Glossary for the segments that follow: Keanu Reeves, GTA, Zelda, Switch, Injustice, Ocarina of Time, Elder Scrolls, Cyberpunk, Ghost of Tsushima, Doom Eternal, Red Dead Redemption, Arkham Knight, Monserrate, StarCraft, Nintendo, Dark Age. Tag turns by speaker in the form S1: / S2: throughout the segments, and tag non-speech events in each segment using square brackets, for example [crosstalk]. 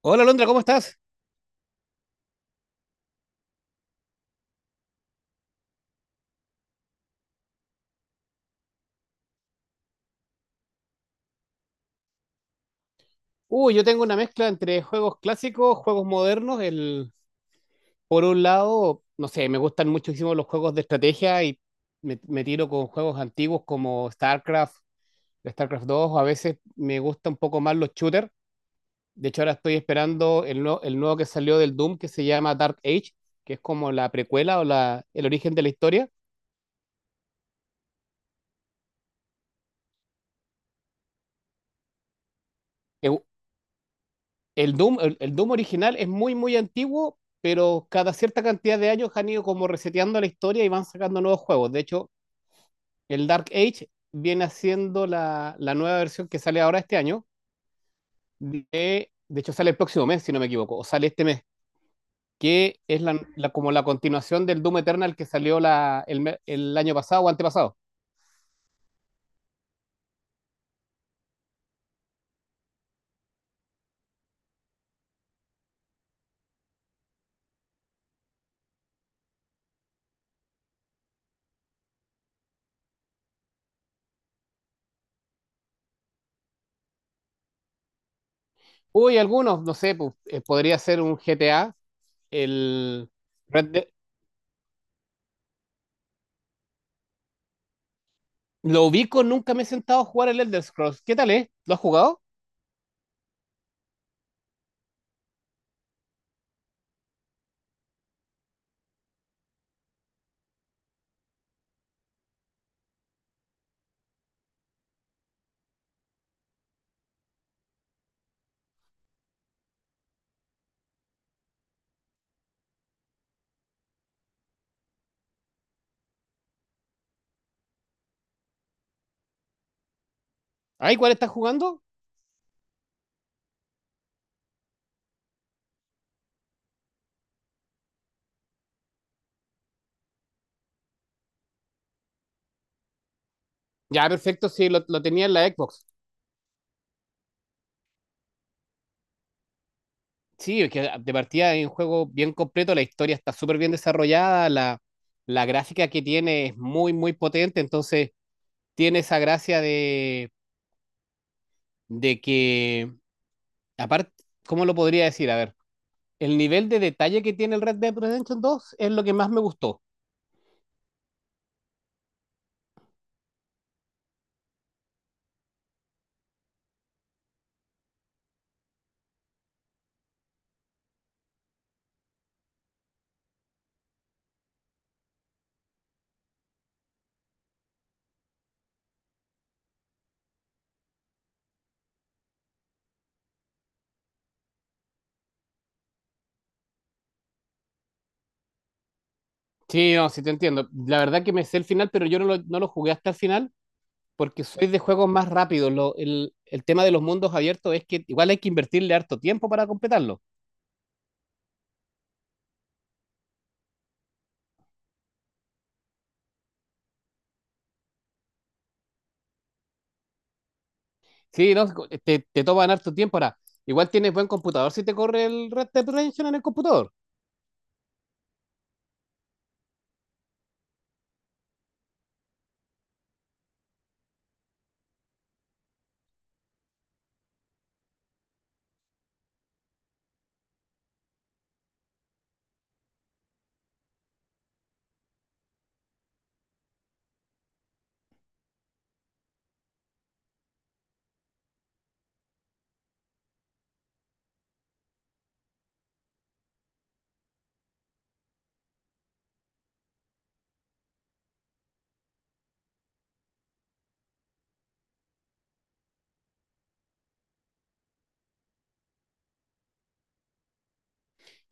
S1: Hola Londra, ¿cómo estás? Uy, yo tengo una mezcla entre juegos clásicos, juegos modernos. Por un lado, no sé, me gustan muchísimo los juegos de estrategia y me tiro con juegos antiguos como StarCraft, StarCraft dos. A veces me gusta un poco más los shooters. De hecho, ahora estoy esperando el nuevo que salió del Doom que se llama Dark Age, que es como la precuela o el origen de la historia. Es, El Doom, el Doom original es muy, muy antiguo, pero cada cierta cantidad de años han ido como reseteando la historia y van sacando nuevos juegos. De hecho, el Dark Age viene haciendo la nueva versión que sale ahora este año. De, de hecho, sale el próximo mes, si no me equivoco, o sale este mes, que es como la continuación del Doom Eternal que salió el año pasado o antepasado. Uy, algunos, no sé, pues, podría ser un GTA, el Red Dead- Lo ubico, nunca me he sentado a jugar el Elder Scrolls. ¿Qué tal es? ¿Lo has jugado? Ah, igual estás jugando. Ya, perfecto, sí, lo tenía en la Xbox. Sí, es que de partida es un juego bien completo, la historia está súper bien desarrollada, la gráfica que tiene es muy, muy potente, entonces tiene esa gracia de que, aparte, ¿cómo lo podría decir? A ver, el nivel de detalle que tiene el Red Dead Redemption dos es lo que más me gustó. Sí, no, sí te entiendo. La verdad que me sé el final, pero yo no no lo jugué hasta el final porque soy de juegos más rápidos. El tema de los mundos abiertos es que igual hay que invertirle harto tiempo para completarlo. Sí, no, te toman harto tiempo. Ahora, igual tienes buen computador si te corre el Red Dead Redemption en el computador.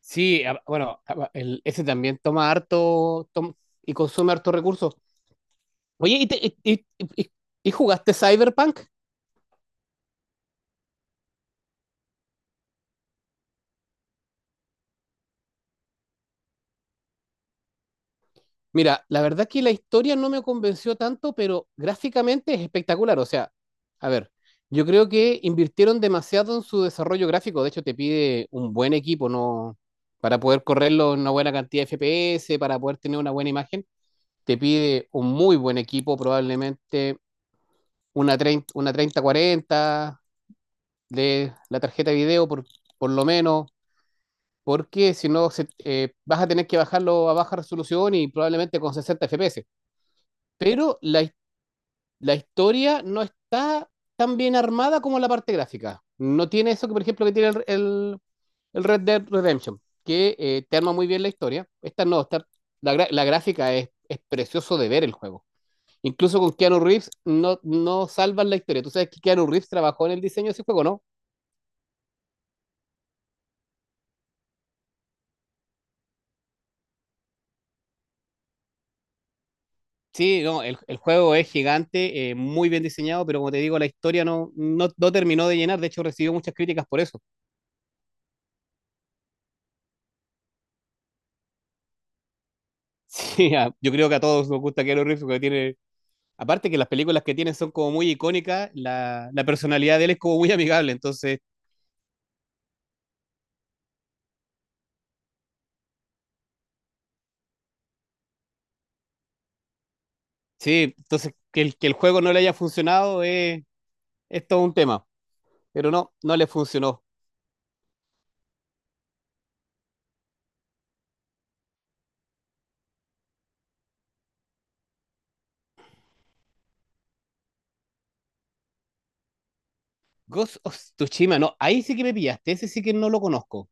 S1: Sí, ese también toma y consume harto recursos. Oye, y- y jugaste Cyberpunk? Mira, la verdad que la historia no me convenció tanto, pero gráficamente es espectacular. O sea, a ver, yo creo que invirtieron demasiado en su desarrollo gráfico. De hecho, te pide un buen equipo, ¿no? Para poder correrlo en una buena cantidad de FPS, para poder tener una buena imagen, te pide un muy buen equipo, probablemente una treinta cuarenta de la tarjeta de video, por lo menos, porque si no, vas a tener que bajarlo a baja resolución y probablemente con 60 FPS. Pero la historia no está tan bien armada como la parte gráfica. No tiene eso que, por ejemplo, que tiene el Red Dead Redemption, que te arma muy bien la historia. Esta no, esta, la gráfica es precioso de ver el juego. Incluso con Keanu Reeves no, no salvan la historia. Tú sabes que Keanu Reeves trabajó en el diseño de ese juego, ¿no? Sí, no, el juego es gigante, muy bien diseñado, pero como te digo, la historia no, no, no terminó de llenar. De hecho, recibió muchas críticas por eso. [laughs] Sí, a- yo creo que a todos nos gusta Keanu Reeves porque tiene aparte que las películas que tiene son como muy icónicas, la personalidad de él es como muy amigable, entonces, sí, entonces que que el juego no le haya funcionado es todo un tema, pero no, no le funcionó. Ghost of Tsushima, no, ahí sí que me pillaste, ese sí que no lo conozco.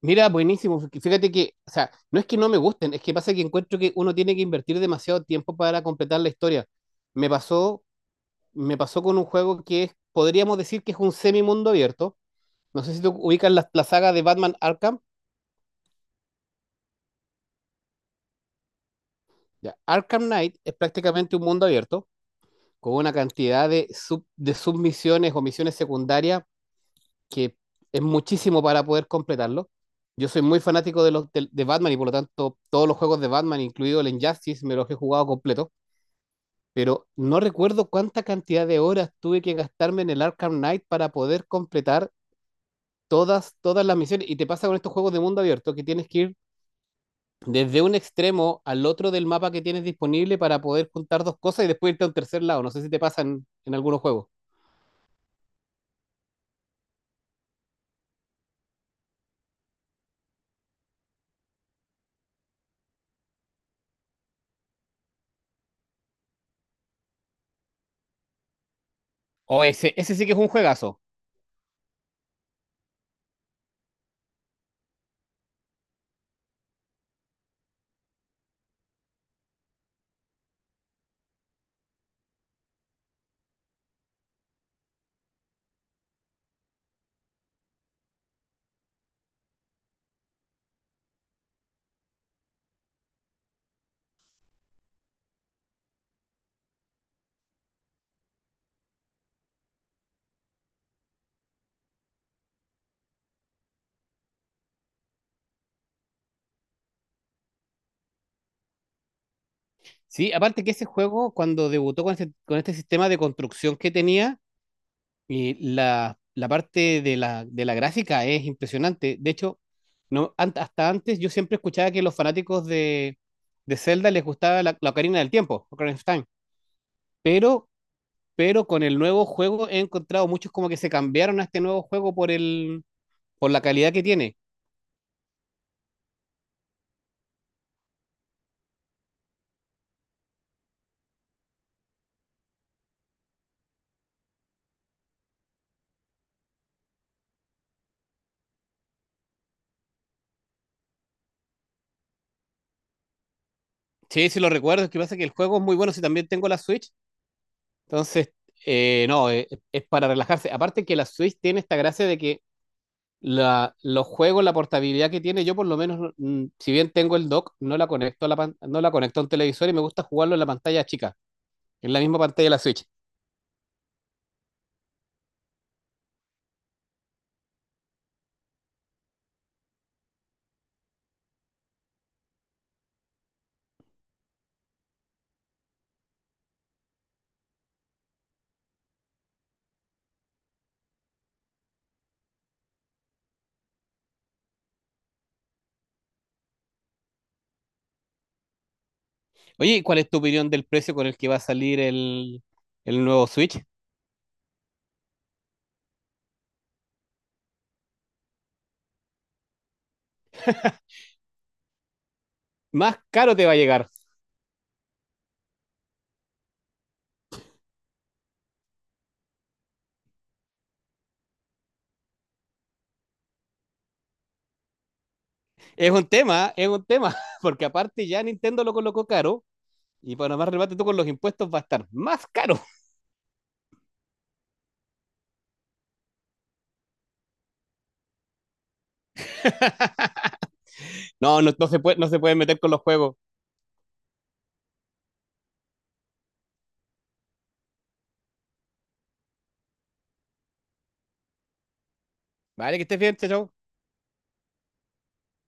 S1: Mira, buenísimo, fíjate que, o sea, no es que no me gusten, es que pasa que encuentro que uno tiene que invertir demasiado tiempo para completar la historia. Me pasó, Me pasó con un juego que es, podríamos decir que es un semi mundo abierto, no sé si tú ubicas la saga de Batman Arkham. Ya. Arkham Knight es prácticamente un mundo abierto con una cantidad de, de submisiones o misiones secundarias que es muchísimo para poder completarlo. Yo soy muy fanático de Batman y por lo tanto todos los juegos de Batman, incluido el Injustice, me los he jugado completo, pero no recuerdo cuánta cantidad de horas tuve que gastarme en el Arkham Knight para poder completar todas, todas las misiones. Y te pasa con estos juegos de mundo abierto que tienes que ir desde un extremo al otro del mapa que tienes disponible para poder juntar dos cosas y después irte a un tercer lado. No sé si te pasa en algunos juegos. O ese sí que es un juegazo. Sí, aparte que ese juego, cuando debutó con este sistema de construcción que tenía, y la parte de de la gráfica es impresionante. De hecho, no, hasta antes yo siempre escuchaba que los fanáticos de Zelda les gustaba la Ocarina del Tiempo, Ocarina of Time. Pero, pero con el nuevo juego he encontrado muchos como que se cambiaron a este nuevo juego por por la calidad que tiene. Sí, sí lo recuerdo, es que pasa que el juego es muy bueno si también tengo la Switch, entonces, no, es para relajarse. Aparte que la Switch tiene esta gracia de que los juegos, la portabilidad que tiene, yo por lo menos, si bien tengo el dock, no la conecto a no la conecto a un televisor y me gusta jugarlo en la pantalla chica, en la misma pantalla de la Switch. Oye, ¿cuál es tu opinión del precio con el que va a salir el nuevo Switch? Más caro te va a llegar. Es un tema, [laughs] porque aparte ya Nintendo lo colocó caro. Y para más remate, tú con los impuestos va a estar más caro. [laughs] No, no, no se puede, no se pueden meter con los juegos. Vale, que estés bien, chao. Chao.